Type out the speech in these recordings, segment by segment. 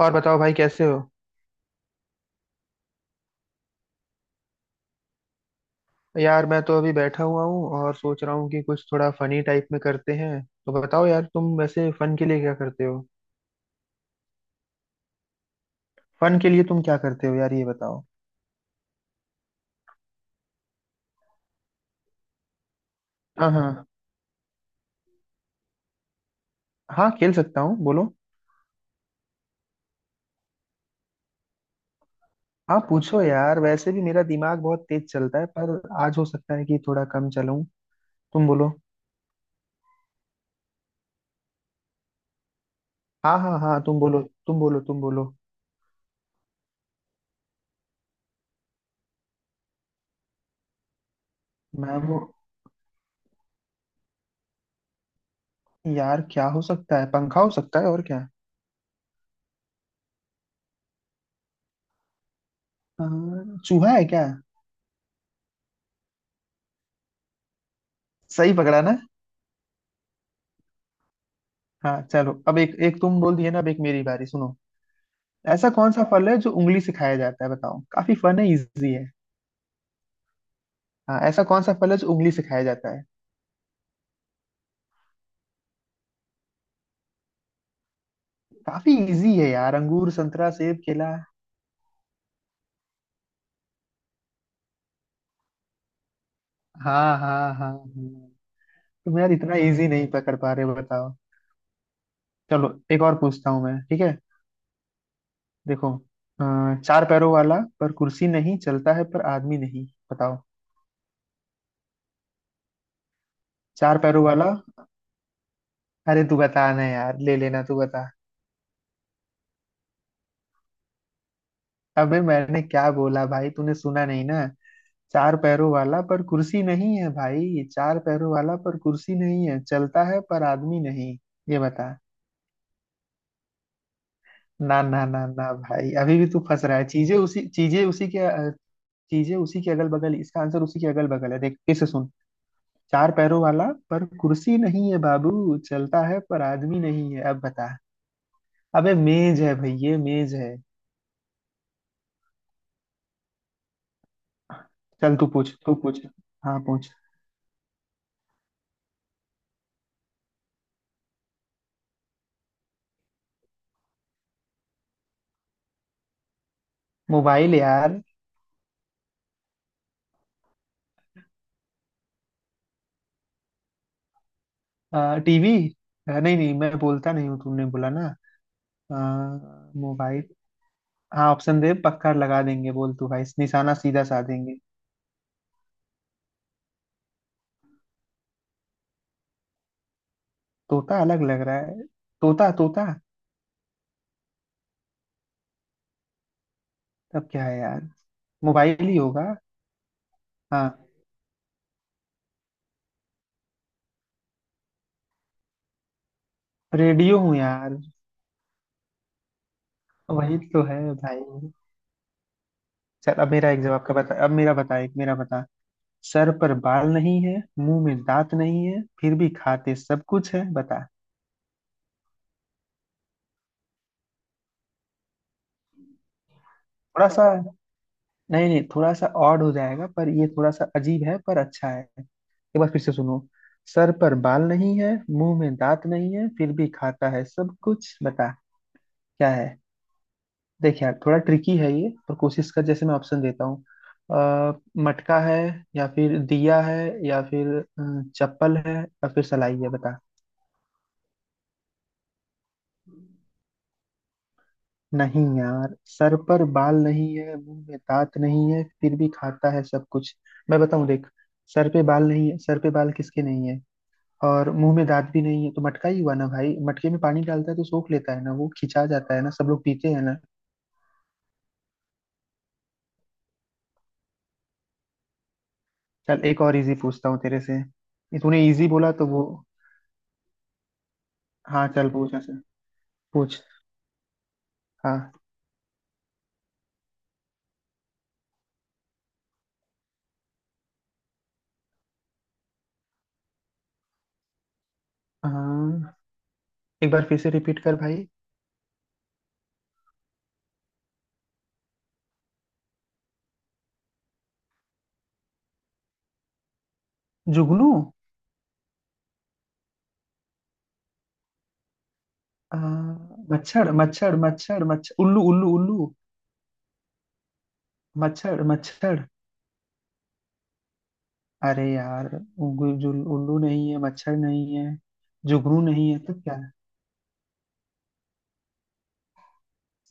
और बताओ भाई, कैसे हो। यार, मैं तो अभी बैठा हुआ हूँ और सोच रहा हूँ कि कुछ थोड़ा फनी टाइप में करते हैं। तो बताओ यार, तुम वैसे फन के लिए क्या करते हो। फन के लिए तुम क्या करते हो यार, ये बताओ। हाँ हाँ। हाँ, खेल सकता हूँ, बोलो। हाँ, पूछो यार। वैसे भी मेरा दिमाग बहुत तेज चलता है, पर आज हो सकता है कि थोड़ा कम चलाऊं। तुम बोलो। हाँ हाँ हाँ, तुम बोलो, तुम बोलो, तुम बोलो। मैं वो यार, क्या हो सकता है। पंखा हो सकता है, और क्या। हाँ, चूहा है क्या। सही पकड़ा ना। हाँ, चलो। अब एक एक तुम बोल दिए ना, अब एक मेरी बारी, सुनो। ऐसा कौन सा फल है जो उंगली से खाया जाता है, बताओ। काफी फन है, इजी है। हाँ, ऐसा कौन सा फल है जो उंगली से खाया जाता है। काफी इजी है यार। अंगूर, संतरा, सेब, केला। हाँ हाँ हाँ हाँ। तुम यार इतना इजी नहीं पकड़ पा रहे हो, बताओ। चलो, एक और पूछता हूँ मैं, ठीक है। देखो। चार पैरों वाला, पर कुर्सी नहीं। चलता है, पर आदमी नहीं। बताओ। चार पैरों वाला। अरे तू बताना यार, ले लेना, तू बता। अबे, मैंने क्या बोला भाई, तूने सुना नहीं ना। चार पैरों वाला पर कुर्सी नहीं है भाई। चार पैरों वाला पर कुर्सी नहीं है, चलता है पर आदमी नहीं। ये बता। ना ना ना ना भाई, अभी भी तू फंस रहा है। चीजें उसी के अगल बगल, इसका आंसर उसी के अगल बगल है। देख, फिर से सुन। चार पैरों वाला, पर कुर्सी नहीं है बाबू। चलता है, पर आदमी नहीं है। अब बता। अबे मेज है भाई, ये मेज है। चल, तू पूछ तू पूछ। हाँ, पूछ। मोबाइल यार। टीवी। नहीं नहीं, मैं बोलता नहीं हूँ, तुमने बोला ना। हाँ, मोबाइल। हाँ, ऑप्शन दे, पक्का लगा देंगे। बोल तू भाई, निशाना सीधा साध देंगे। तोता अलग लग रहा है। तोता तोता। तब क्या है यार। मोबाइल ही होगा। हाँ। रेडियो हूँ यार। वही तो है भाई। चल, अब मेरा एक जवाब का बता। अब मेरा बता, एक मेरा बता। सर पर बाल नहीं है, मुंह में दांत नहीं है, फिर भी खाते सब कुछ है, बता। थोड़ा सा। नहीं नहीं, थोड़ा सा ऑड हो जाएगा, पर ये थोड़ा सा अजीब है पर अच्छा है। एक बार फिर से सुनो। सर पर बाल नहीं है, मुंह में दांत नहीं है, फिर भी खाता है सब कुछ, बता। क्या है। देख यार, थोड़ा ट्रिकी है ये, पर कोशिश कर। जैसे मैं ऑप्शन देता हूँ। अ, मटका है। या फिर दिया है। या फिर चप्पल है। या फिर सलाई है, बता। नहीं यार, सर पर बाल नहीं है, मुंह में दांत नहीं है, फिर भी खाता है सब कुछ। मैं बताऊं, देख। सर पे बाल नहीं है। सर पे बाल किसके नहीं है, और मुंह में दांत भी नहीं है। तो मटका ही हुआ ना भाई। मटके में पानी डालता है तो सोख लेता है ना, वो खिंचा जाता है ना, सब लोग पीते हैं ना। चल, एक और इजी पूछता हूँ तेरे से, ये तूने इजी बोला तो वो। हाँ चल, पूछ ऐसे, पूछ। हाँ। हाँ। एक बार फिर से रिपीट कर भाई। जुगनू। आ, मच्छर मच्छर मच्छर मच्छर, उल्लू उल्लू उल्लू। मच्छर मच्छर। अरे यार, उल्लू नहीं है, मच्छर नहीं है। जुगनू नहीं है तो क्या है?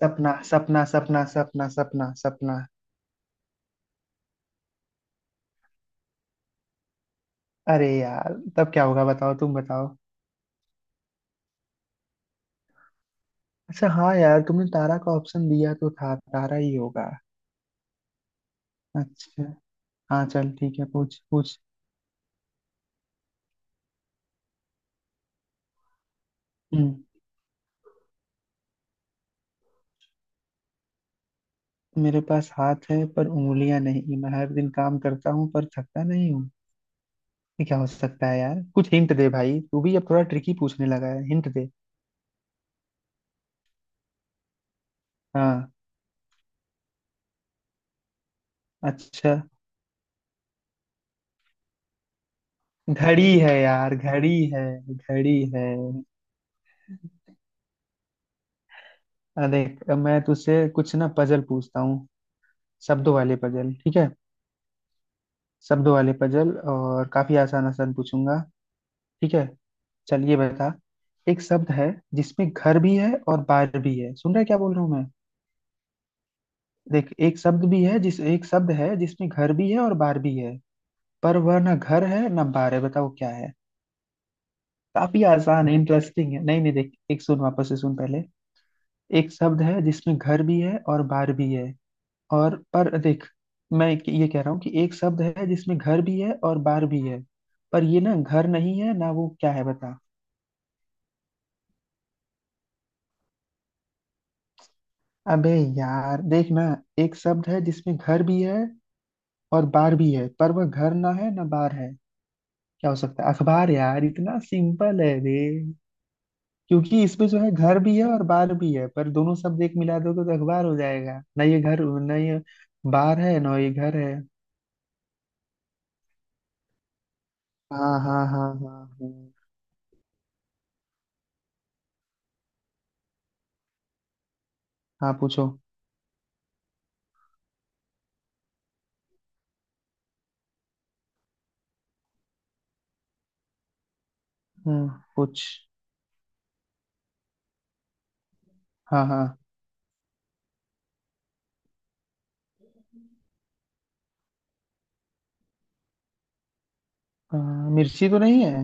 सपना सपना सपना सपना सपना सपना। अरे यार, तब क्या होगा, बताओ, तुम बताओ। अच्छा हाँ यार, तुमने तारा का ऑप्शन दिया तो था, तारा ही होगा। अच्छा। हाँ चल, ठीक है, पूछ पूछ। हम्म। मेरे पास हाथ है पर उंगलियां नहीं, मैं हर दिन काम करता हूँ पर थकता नहीं हूँ। ये क्या हो सकता है यार, कुछ हिंट दे भाई। तू भी अब थोड़ा ट्रिकी पूछने लगा है, हिंट दे। हाँ। अच्छा। घड़ी है यार, घड़ी है। घड़ी है। अरे, मैं तुझसे कुछ ना पजल पूछता हूँ। शब्दों वाले पजल, ठीक है। शब्द वाले पजल, और काफी आसान आसान पूछूंगा। ठीक है। चल, ये बता। एक शब्द है जिसमें घर भी है और बार भी है। सुन रहा है क्या बोल रहा हूँ मैं। देख, एक शब्द भी है, जिस एक शब्द है जिसमें घर भी है और बार भी है। पर वह ना घर है ना बार है। बताओ क्या है। काफी आसान है, इंटरेस्टिंग है। नहीं नहीं, देख, एक सुन, वापस से सुन पहले। एक शब्द है जिसमें घर भी है और बार भी है, और पर देख। ये कह रहा हूँ कि एक शब्द है जिसमें घर भी है और बार भी है, पर ये ना घर नहीं है ना वो। क्या है, बता। अबे, यार देख ना। एक शब्द है जिसमें घर भी है, और बार भी है, पर वह घर ना है ना बार है। क्या हो सकता है? अखबार यार, इतना सिंपल है रे। क्योंकि इसमें जो है, घर भी है और बार भी है, पर दोनों शब्द एक मिला दोगे तो अखबार हो जाएगा ना। ये घर, ना ये बार है ना ये घर है। हाँ हाँ हाँ हाँ हाँ। हाँ पूछो। हम्म। पूछ। हाँ हाँ। हाँ, मिर्ची तो नहीं है।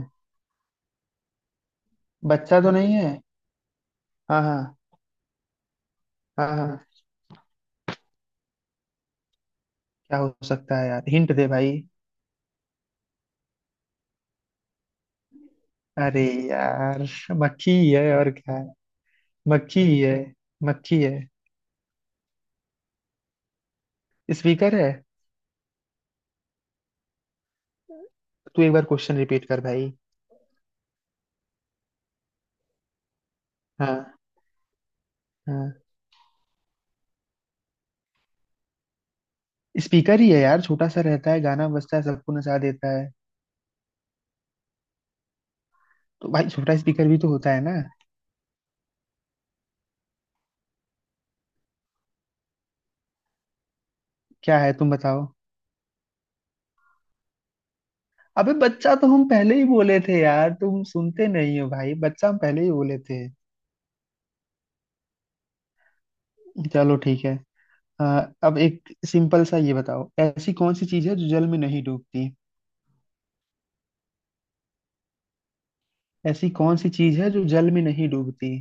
बच्चा तो नहीं है। हाँ हाँ। हाँ हाँ। क्या हो सकता है यार, हिंट दे भाई। अरे यार। मक्खी ही है, और क्या है। मक्खी ही है। मक्खी है। स्पीकर है। तू एक बार क्वेश्चन रिपीट कर भाई। हाँ। हाँ। स्पीकर ही है यार, छोटा सा रहता है, गाना बजता है, सबको नचा देता है। तो भाई छोटा स्पीकर भी तो होता है ना। क्या है, तुम बताओ। अबे, बच्चा तो हम पहले ही बोले थे यार, तुम सुनते नहीं हो भाई, बच्चा हम पहले ही बोले थे। चलो ठीक है। हाँ, अब एक सिंपल सा ये बताओ, ऐसी कौन सी चीज है जो जल में नहीं डूबती। ऐसी कौन सी चीज है जो जल में नहीं डूबती।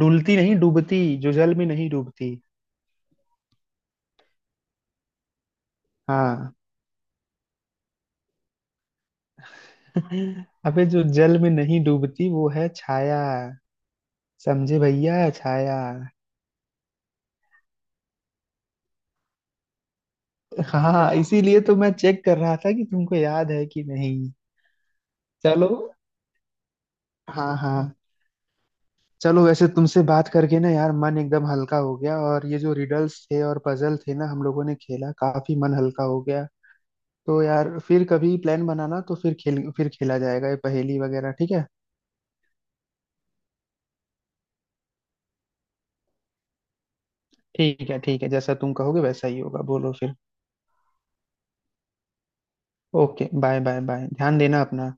डुलती नहीं, डूबती, जो जल में नहीं डूबती। हाँ। अबे, जो जल में नहीं डूबती वो है छाया। समझे भैया, छाया। हाँ, इसीलिए तो मैं चेक कर रहा था कि तुमको याद है कि नहीं। चलो। हाँ हाँ। चलो, वैसे तुमसे बात करके ना यार, मन एकदम हल्का हो गया। और ये जो रिडल्स थे और पजल थे ना, हम लोगों ने खेला, काफी मन हल्का हो गया। तो यार, फिर कभी प्लान बनाना, तो फिर खेल, फिर खेला जाएगा ये पहेली वगैरह, ठीक है। ठीक है ठीक है, जैसा तुम कहोगे वैसा ही होगा, बोलो फिर। ओके, बाय बाय बाय, ध्यान देना अपना।